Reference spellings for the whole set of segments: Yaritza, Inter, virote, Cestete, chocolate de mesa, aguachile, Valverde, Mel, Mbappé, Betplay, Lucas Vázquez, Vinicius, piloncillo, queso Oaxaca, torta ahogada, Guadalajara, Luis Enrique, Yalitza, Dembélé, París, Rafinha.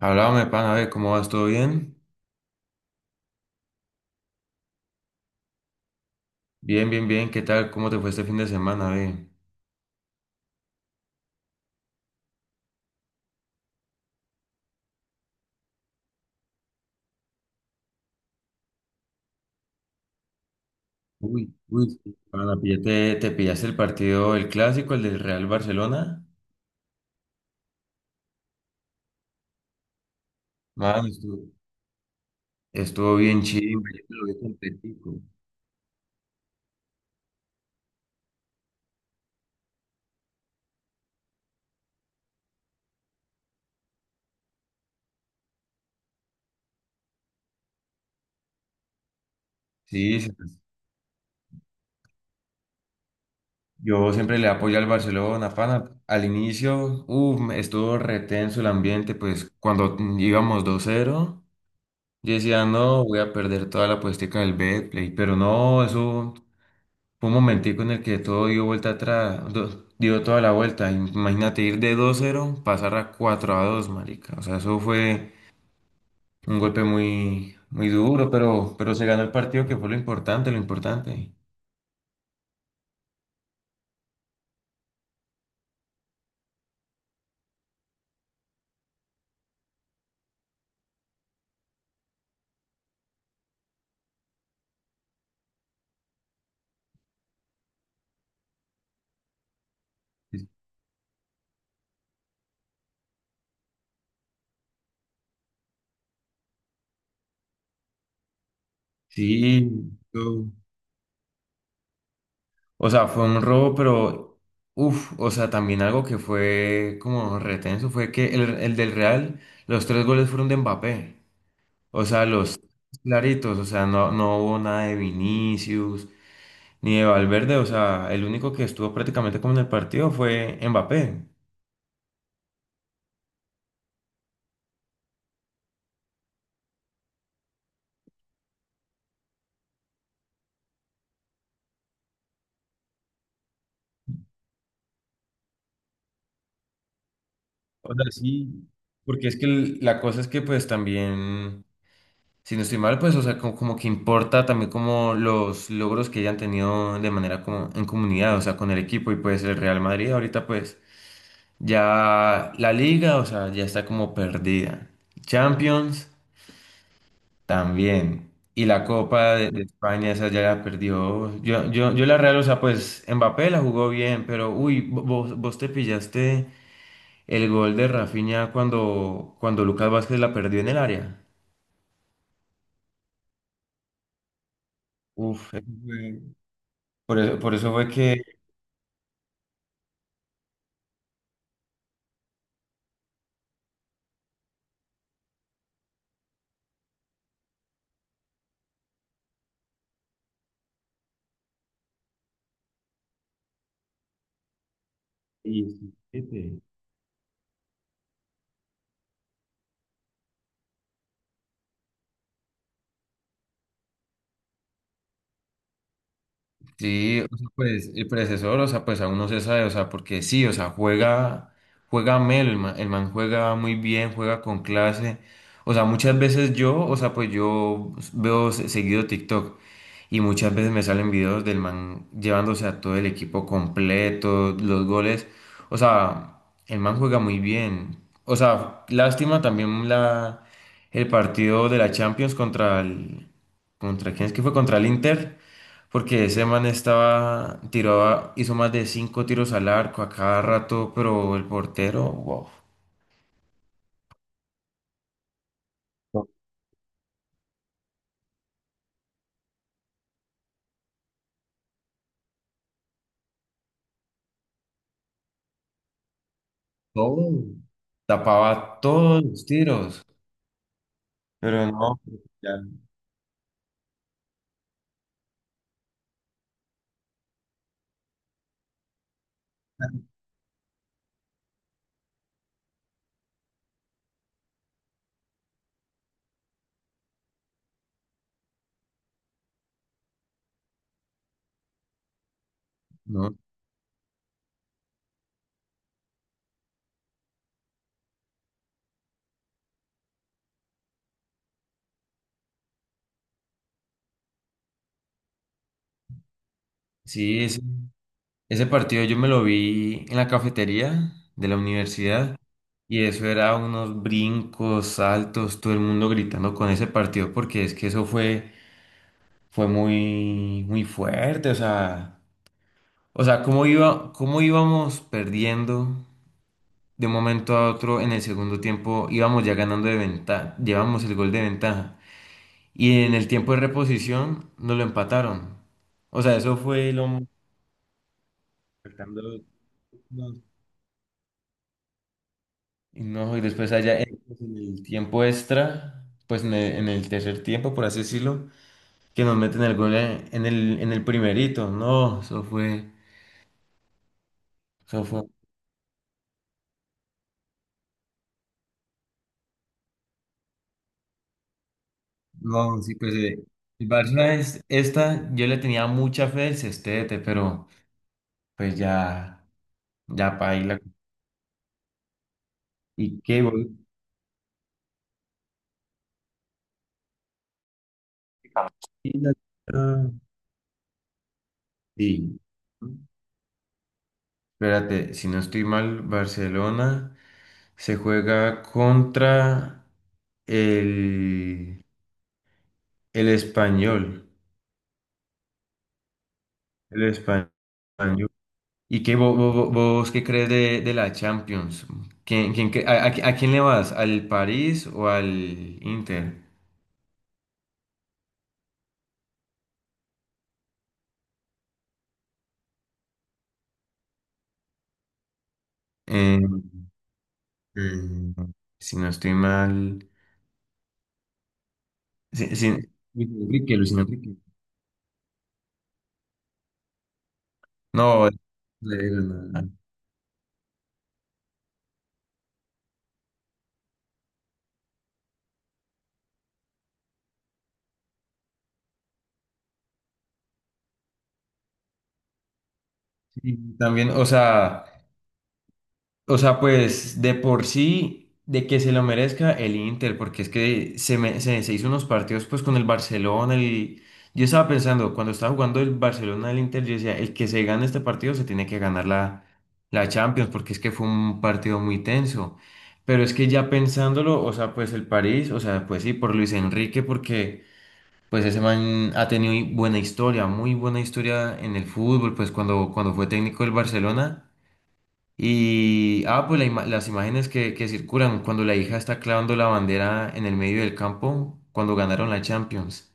Háblame, pana, ve, ¿cómo vas? ¿Todo bien? Bien, bien, bien, ¿qué tal? ¿Cómo te fue este fin de semana, ve? Uy, uy, sí, pana, ¿Te pillaste el partido, el clásico, el del Real Barcelona? Man, estuvo bien chimba, yo me lo vi completico. Sí, sí, pues, yo siempre le apoyo al Barcelona, pana. Al inicio, uff, estuvo retenso el ambiente, pues cuando íbamos 2-0, yo decía, no, voy a perder toda la puestica del Betplay, pero no, eso fue un momentico en el que todo dio vuelta atrás, dio toda la vuelta. Imagínate ir de 2-0, pasar a 4-2, marica. O sea, eso fue un golpe muy, muy duro, pero se ganó el partido, que fue lo importante, lo importante. Sí, yo- o sea, fue un robo, pero, uff, o sea, también algo que fue como retenso fue que el del Real, los tres goles fueron de Mbappé. O sea, los claritos, o sea, no, no hubo nada de Vinicius, ni de Valverde, o sea, el único que estuvo prácticamente como en el partido fue Mbappé. O sea, sí. Porque es que la cosa es que pues también, si no estoy mal, pues, o sea, como que importa también como los logros que hayan tenido de manera como en comunidad, o sea, con el equipo, y pues el Real Madrid ahorita pues ya la liga, o sea, ya está como perdida. Champions. También. Y la Copa de España, esa ya la perdió. Yo la Real, o sea, pues Mbappé la jugó bien, pero uy, vos te pillaste el gol de Rafinha cuando Lucas Vázquez la perdió en el área. Uf, eso fue- por eso fue que... Sí, sí, sí. Sí, o sea, pues el predecesor, o sea, pues aún no se sabe, o sea, porque sí, o sea, juega Mel, el man juega muy bien, juega con clase, o sea, muchas veces yo, o sea, pues yo veo seguido TikTok, y muchas veces me salen videos del man llevándose a todo el equipo completo, los goles, o sea, el man juega muy bien, o sea, lástima también la, el partido de la Champions contra el, contra, ¿quién es que fue? Contra el Inter. Porque ese man estaba, tiraba, hizo más de cinco tiros al arco a cada rato, pero el portero, wow, todo, tapaba todos los tiros. Pero no, ya, no. Sí, ese partido yo me lo vi en la cafetería de la universidad, y eso era unos brincos, saltos, todo el mundo gritando con ese partido porque es que eso fue muy, muy fuerte, o sea. O sea, ¿cómo iba, cómo íbamos perdiendo de un momento a otro en el segundo tiempo? Íbamos ya ganando de ventaja, llevamos el gol de ventaja. Y en el tiempo de reposición nos lo empataron. O sea, eso fue lo... faltando unos- Y no, y después allá en pues, en el tiempo extra, pues en el tercer tiempo, por así decirlo, que nos meten el gol en el primerito. No, eso fue... Eso fue. No, sí, pues el Barcelona es esta, yo le tenía mucha fe al Cestete, pero pues ya, ya paila. ¿Y qué, gol? y la- ah, sí. Espérate, si no estoy mal, Barcelona se juega contra el, el español. El español. ¿Y qué vos, qué crees de la Champions? ¿Quién, quién cre- a- A quién le vas? ¿Al París o al Inter? Eh, eh, si no estoy mal. Sí, sí, Luis Enrique, Luis Enrique. No, le- sí, también, o sea. O sea, pues de por sí, de que se lo merezca el Inter, porque es que se hizo unos partidos pues con el Barcelona. El... Yo estaba pensando, cuando estaba jugando el Barcelona al Inter, yo decía, el que se gane este partido se tiene que ganar la Champions, porque es que fue un partido muy tenso. Pero es que ya pensándolo, o sea, pues el París, o sea, pues sí, por Luis Enrique, porque pues ese man ha tenido buena historia, muy buena historia en el fútbol, pues cuando fue técnico del Barcelona. Y, ah, pues la las imágenes que circulan cuando la hija está clavando la bandera en el medio del campo, cuando ganaron la Champions.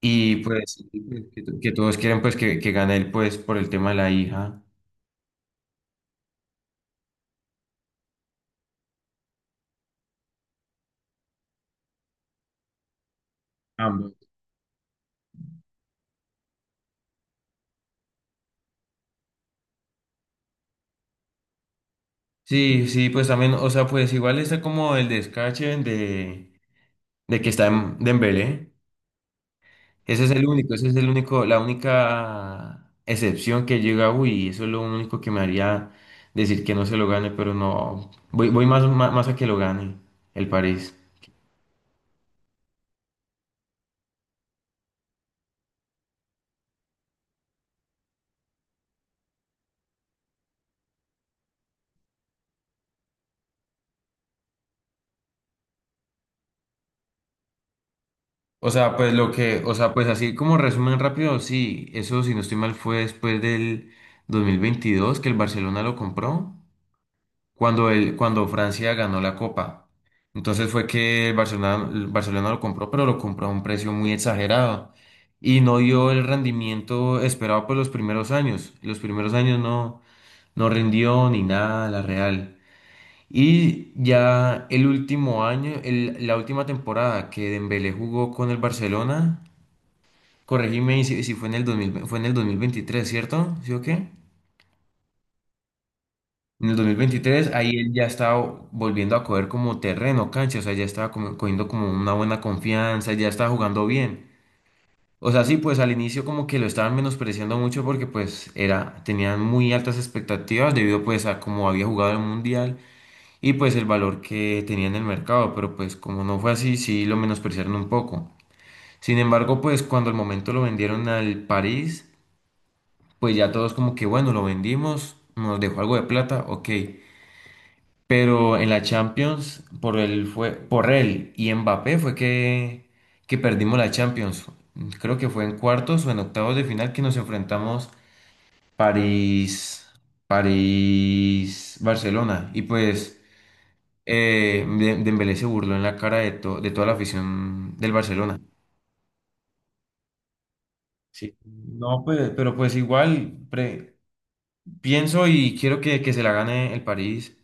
Y pues sí, pues, que todos quieren pues que gane él pues por el tema de la hija. Ambos. Sí, sí, pues también, o sea, pues igual está como el descache de que está en Dembélé. Ese es el único, ese es el único, la única excepción que llega, uy, eso es lo único que me haría decir que no se lo gane, pero no, voy más, más, más a que lo gane el París. O sea, pues lo que, o sea, pues así como resumen rápido, sí, eso si no estoy mal fue después del 2022 que el Barcelona lo compró. Cuando Francia ganó la Copa. Entonces fue que el Barcelona lo compró, pero lo compró a un precio muy exagerado, y no dio el rendimiento esperado por los primeros años. Los primeros años no, no rindió ni nada la Real. Y ya el último año, la última temporada que Dembélé jugó con el Barcelona, corregime y si fue en el 2000 fue en el 2023, ¿cierto? ¿Sí o qué? En el 2023 ahí él ya estaba volviendo a coger como terreno, cancha, o sea, ya estaba como, cogiendo como una buena confianza, ya estaba jugando bien. O sea, sí, pues al inicio como que lo estaban menospreciando mucho porque pues era, tenían muy altas expectativas debido pues a cómo había jugado el Mundial, y pues el valor que tenía en el mercado, pero pues como no fue así, sí lo menospreciaron un poco. Sin embargo, pues cuando al momento lo vendieron al París, pues ya todos como que bueno, lo vendimos, nos dejó algo de plata, ok. Pero en la Champions, por él fue, por él y Mbappé fue que perdimos la Champions. Creo que fue en cuartos o en octavos de final que nos enfrentamos París, Barcelona. Y pues Dembélé se burló en la cara de toda la afición del Barcelona. Sí. No, pues, pero pues igual pienso y quiero que se la gane el París.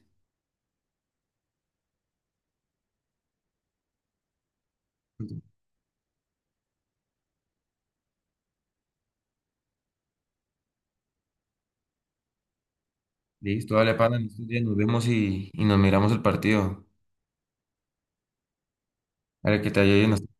Listo, dale, pana, en estos días nos vemos y nos miramos el partido. Para que te ayuden